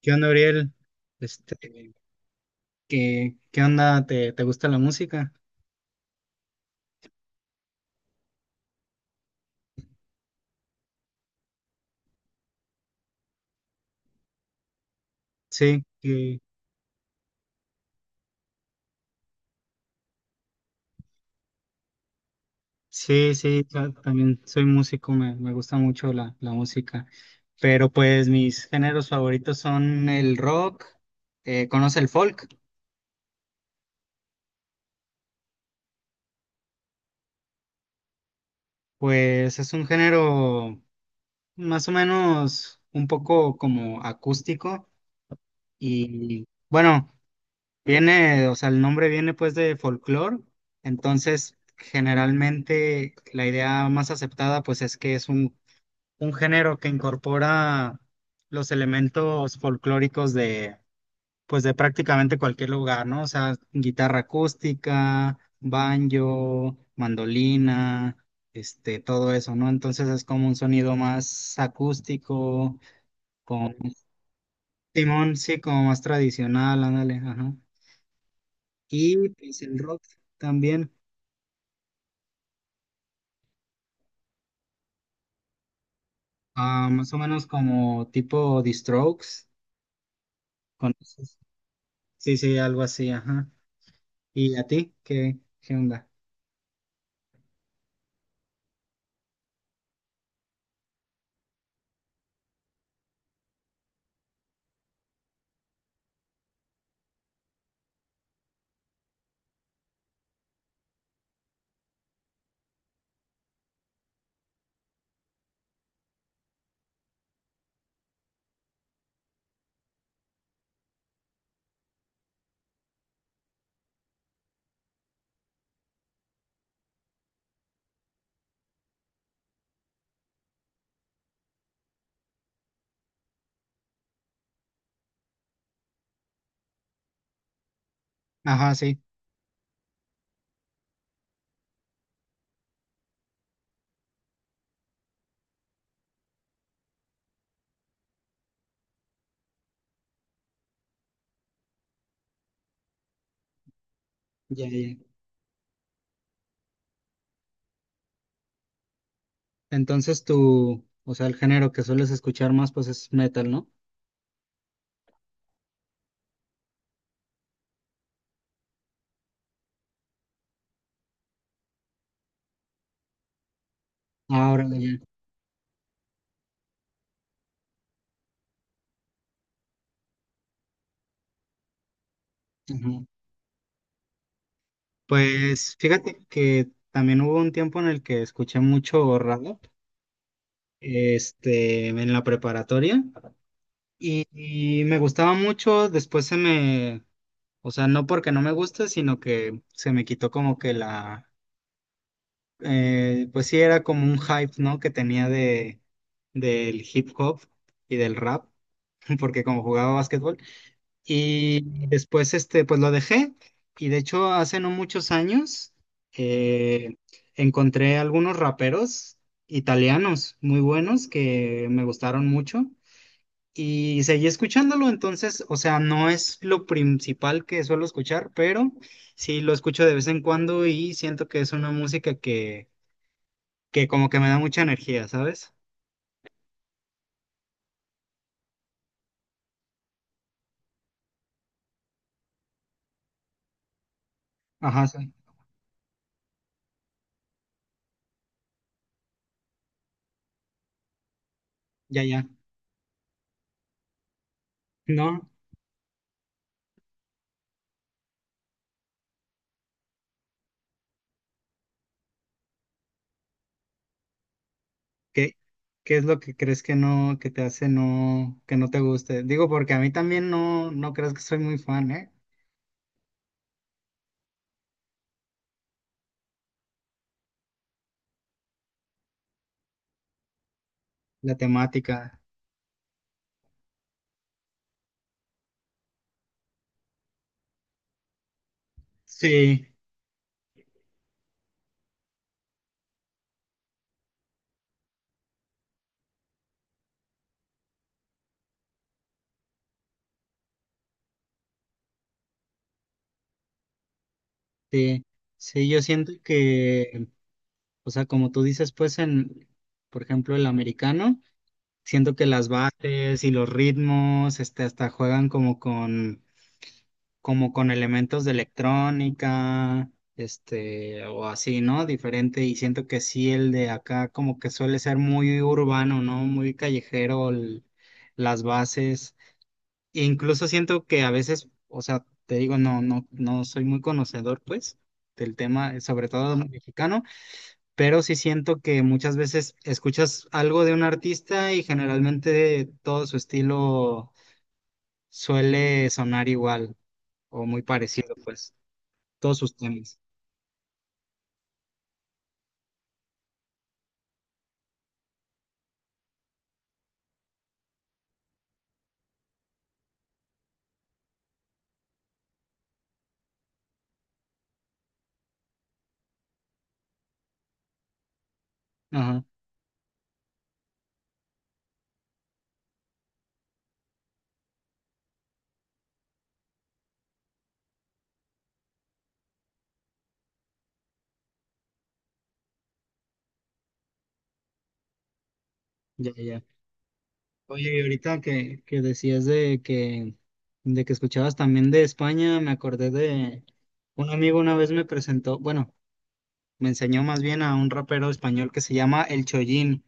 ¿Qué onda, Ariel? Este, ¿Qué onda? ¿Te gusta la música? Sí, que- También soy músico, me gusta mucho la música. Pero pues mis géneros favoritos son el rock. ¿Conoce el folk? Pues es un género más o menos un poco como acústico y bueno, viene, o sea, el nombre viene pues de folclore. Entonces generalmente la idea más aceptada pues es que es un género que incorpora los elementos folclóricos de, pues, de prácticamente cualquier lugar, ¿no? O sea, guitarra acústica, banjo, mandolina, todo eso, ¿no? Entonces es como un sonido más acústico, con... Simón, sí, como más tradicional, ándale, ajá. Y pues el rock también, ah, más o menos como tipo The Strokes. ¿Conoces? Sí, sí, algo así, ajá. ¿Y a ti? ¿Qué onda? Ajá, sí, ya, ya. Entonces tú, o sea, el género que sueles escuchar más, pues es metal, ¿no? Ahora, ya. Ajá. Pues fíjate que también hubo un tiempo en el que escuché mucho rap, en la preparatoria. Y me gustaba mucho, después se me... O sea, no porque no me guste, sino que se me quitó como que la... Pues sí era como un hype, ¿no? Que tenía de, del hip hop y del rap, porque como jugaba básquetbol. Y después, pues lo dejé. Y de hecho, hace no muchos años, eh, encontré algunos raperos italianos muy buenos que me gustaron mucho. Y seguí escuchándolo, entonces, o sea, no es lo principal que suelo escuchar, pero sí lo escucho de vez en cuando y siento que es una música que como que me da mucha energía, ¿sabes? Ajá, sí, ya, ya. ¿No? ¿Qué, qué es lo que crees que no, que te hace no, que no te guste? Digo, porque a mí también no, no crees que soy muy fan, ¿eh? La temática. Sí, sí, sí, yo siento o sea, como tú dices, pues en, por ejemplo, el americano. Siento que las bases y los ritmos, hasta juegan como con elementos de electrónica, o así, ¿no? Diferente. Y siento que sí, el de acá como que suele ser muy urbano, ¿no? Muy callejero, las bases. E incluso siento que a veces, o sea, te digo, no, no, no soy muy conocedor, pues, del tema, sobre todo mexicano, pero sí siento que muchas veces escuchas algo de un artista y generalmente todo su estilo suele sonar igual o muy parecido, pues, todos sus temas. Ajá, ya, ya. Oye, y ahorita que decías de que escuchabas también de España, me acordé de un amigo una vez me presentó, bueno, me enseñó más bien a un rapero español que se llama El Chollín.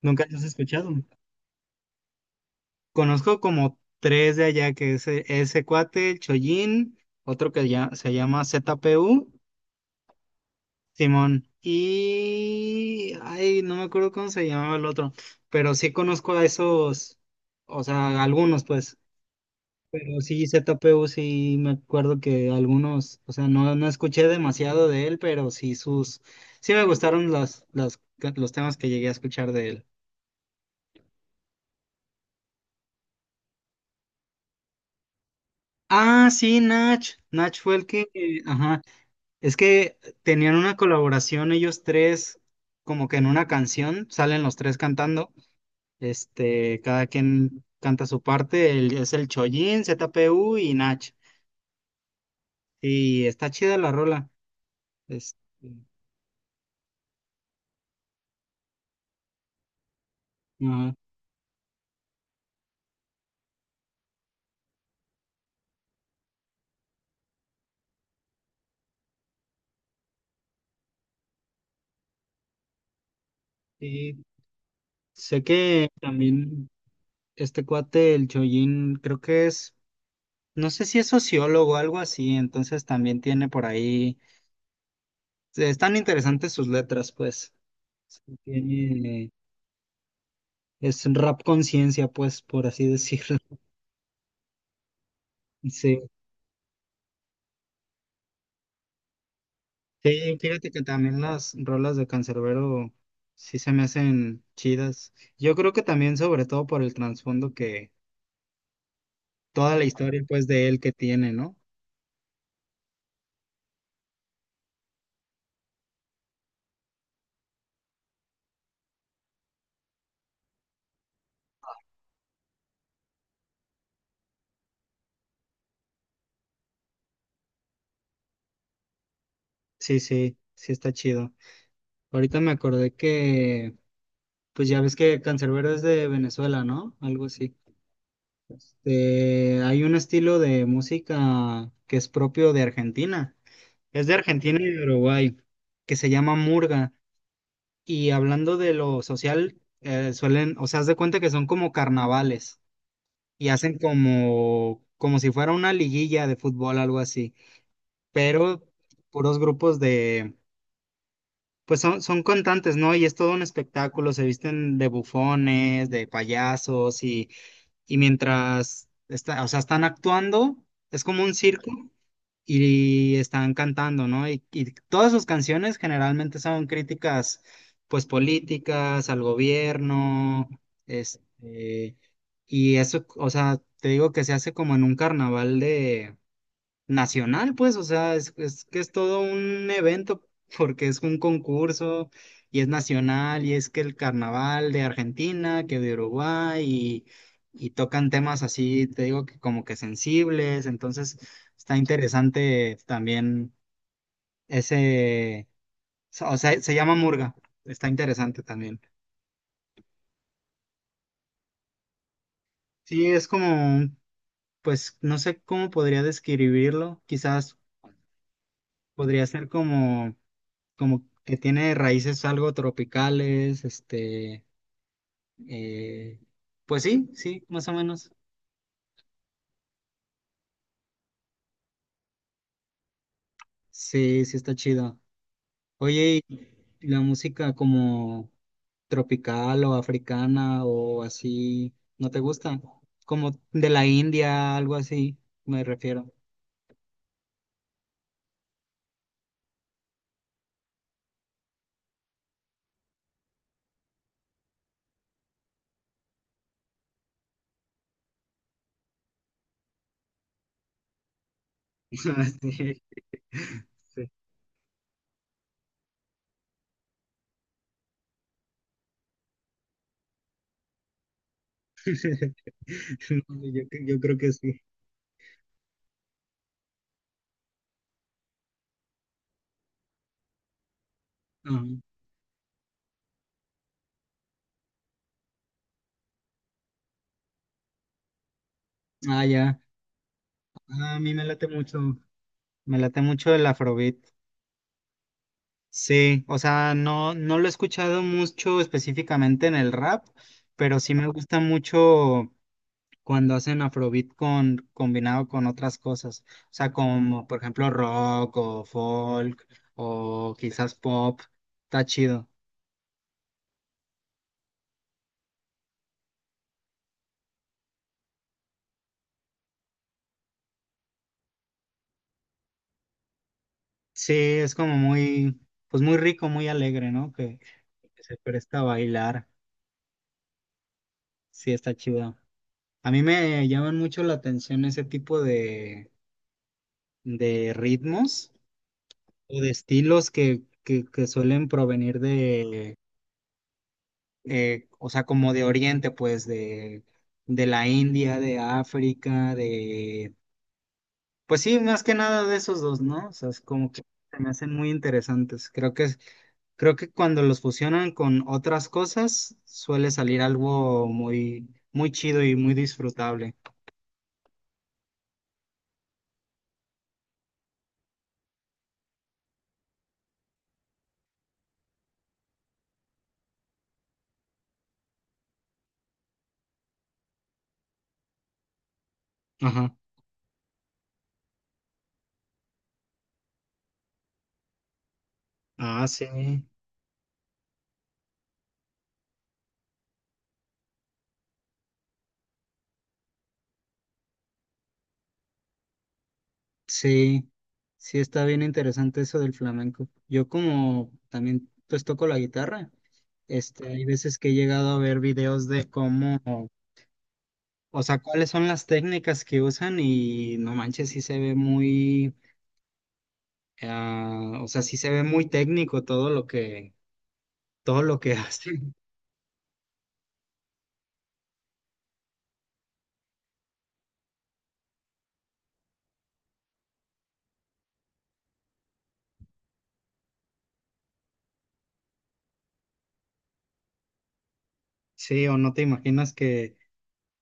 ¿Nunca lo has escuchado? Conozco como tres de allá, que es ese cuate, el Chollín, otro que ya se llama Z P U, Simón, y... Ay, no me acuerdo cómo se llamaba el otro, pero sí conozco a esos, o sea, algunos pues, pero sí, Z P U sí me acuerdo que algunos, o sea, no, no escuché demasiado de él, pero sí sus, sí me gustaron los temas que llegué a escuchar de él. Ah, sí, Nach. Nach fue el que, ajá, es que tenían una colaboración ellos tres, como que en una canción, salen los tres cantando, cada quien canta su parte, es el Chollín, ZPU y Nach. Y está chida la rola. Este, ajá. Y sé que también este cuate, el Chollín, creo que es... no sé si es sociólogo o algo así, entonces también tiene por ahí, están interesantes sus letras, pues. Sí, tiene... es un rap conciencia, pues, por así decirlo. Sí. Sí, fíjate que también las rolas de Canserbero sí se me hacen chidas. Yo creo que también, sobre todo por el trasfondo que... toda la historia, pues, de él que tiene, ¿no? Sí, sí, sí está chido. Ahorita me acordé que, pues ya ves que Canserbero es de Venezuela, ¿no? Algo así. Hay un estilo de música que es propio de Argentina. Es de Argentina y de Uruguay, que se llama murga. Y hablando de lo social, suelen, o sea, haz de cuenta que son como carnavales y hacen como, como si fuera una liguilla de fútbol, algo así, pero puros grupos de, pues son, son cantantes, ¿no? Y es todo un espectáculo, se visten de bufones, de payasos y mientras, está, o sea, están actuando, es como un circo y están cantando, ¿no? Y todas sus canciones generalmente son críticas, pues, políticas, al gobierno, este, y eso, o sea, te digo que se hace como en un carnaval de... nacional, pues, o sea, es que es todo un evento porque es un concurso y es nacional y es que el carnaval de Argentina, que de Uruguay y tocan temas así, te digo que como que sensibles, entonces está interesante también ese, o sea, se llama Murga, está interesante también. Sí, es como, pues, no sé cómo podría describirlo, quizás podría ser como... como que tiene raíces algo tropicales, eh, pues sí, sí, más o menos. Sí, sí está chido. Oye, ¿y la música como tropical o africana o así, no te gusta? Como de la India, algo así, me refiero. Sí, sí. No, yo creo que sí. Ajá. Ah, ya. Ah, a mí me late mucho el Afrobeat. Sí, o sea, no, no lo he escuchado mucho específicamente en el rap, pero sí me gusta mucho cuando hacen Afrobeat con, combinado con otras cosas, o sea, como por ejemplo rock o folk o quizás pop, está chido. Sí, es como muy, pues muy rico, muy alegre, ¿no? Que se presta a bailar, sí, está chido. A mí me llaman mucho la atención ese tipo de ritmos, o de estilos que suelen provenir de, o sea, como de Oriente, pues de la India, de África, de, pues sí, más que nada de esos dos, ¿no? O sea, es como que se me hacen muy interesantes. Creo que, creo que cuando los fusionan con otras cosas, suele salir algo muy, muy chido y muy disfrutable. Ajá. Ah, sí, sí, sí está bien interesante eso del flamenco. Yo como también pues toco la guitarra. Hay veces que he llegado a ver videos de cómo, o sea, cuáles son las técnicas que usan y no manches, sí se ve muy, ah, o sea, sí se ve muy técnico todo lo que hacen. Sí, o no te imaginas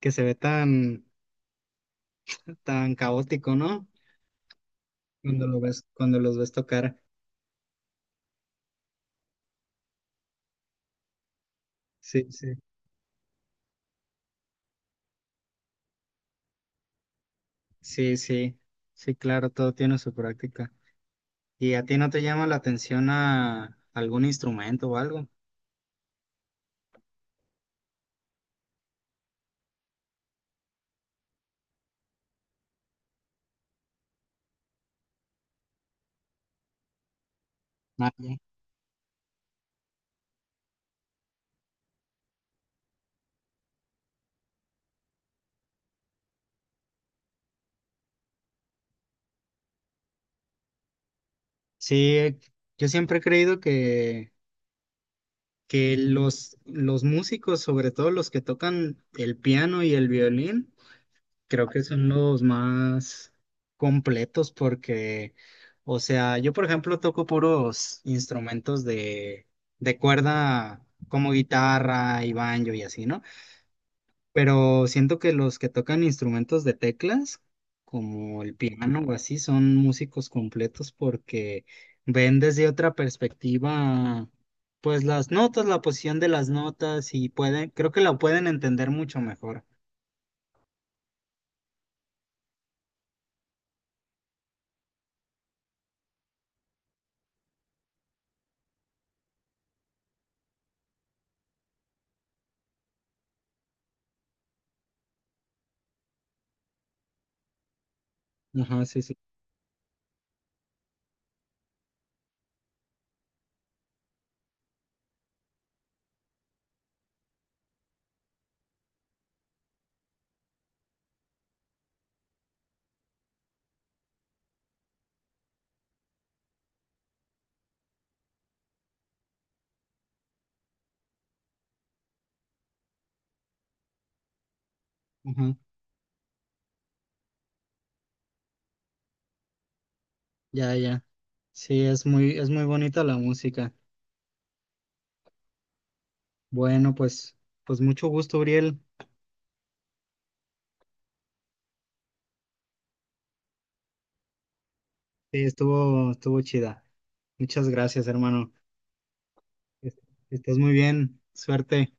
que se ve tan, tan caótico, ¿no? Cuando lo ves, cuando los ves tocar. Sí, sí, sí, sí, sí, claro, todo tiene su práctica. ¿Y a ti no te llama la atención a algún instrumento o algo? Ah, ya. Sí, yo siempre he creído que los músicos, sobre todo los que tocan el piano y el violín, creo que son los más completos porque, o sea, yo por ejemplo toco puros instrumentos de cuerda como guitarra y banjo y así, ¿no? Pero siento que los que tocan instrumentos de teclas, como el piano o así, son músicos completos porque ven desde otra perspectiva, pues las notas, la posición de las notas y pueden, creo que la pueden entender mucho mejor. Ajá, sí, sí. Ajá, ya, ya. Sí, es muy bonita la música. Bueno, pues, pues mucho gusto, Uriel. Sí, estuvo, estuvo chida. Muchas gracias, hermano. Est- Estás muy bien. Suerte.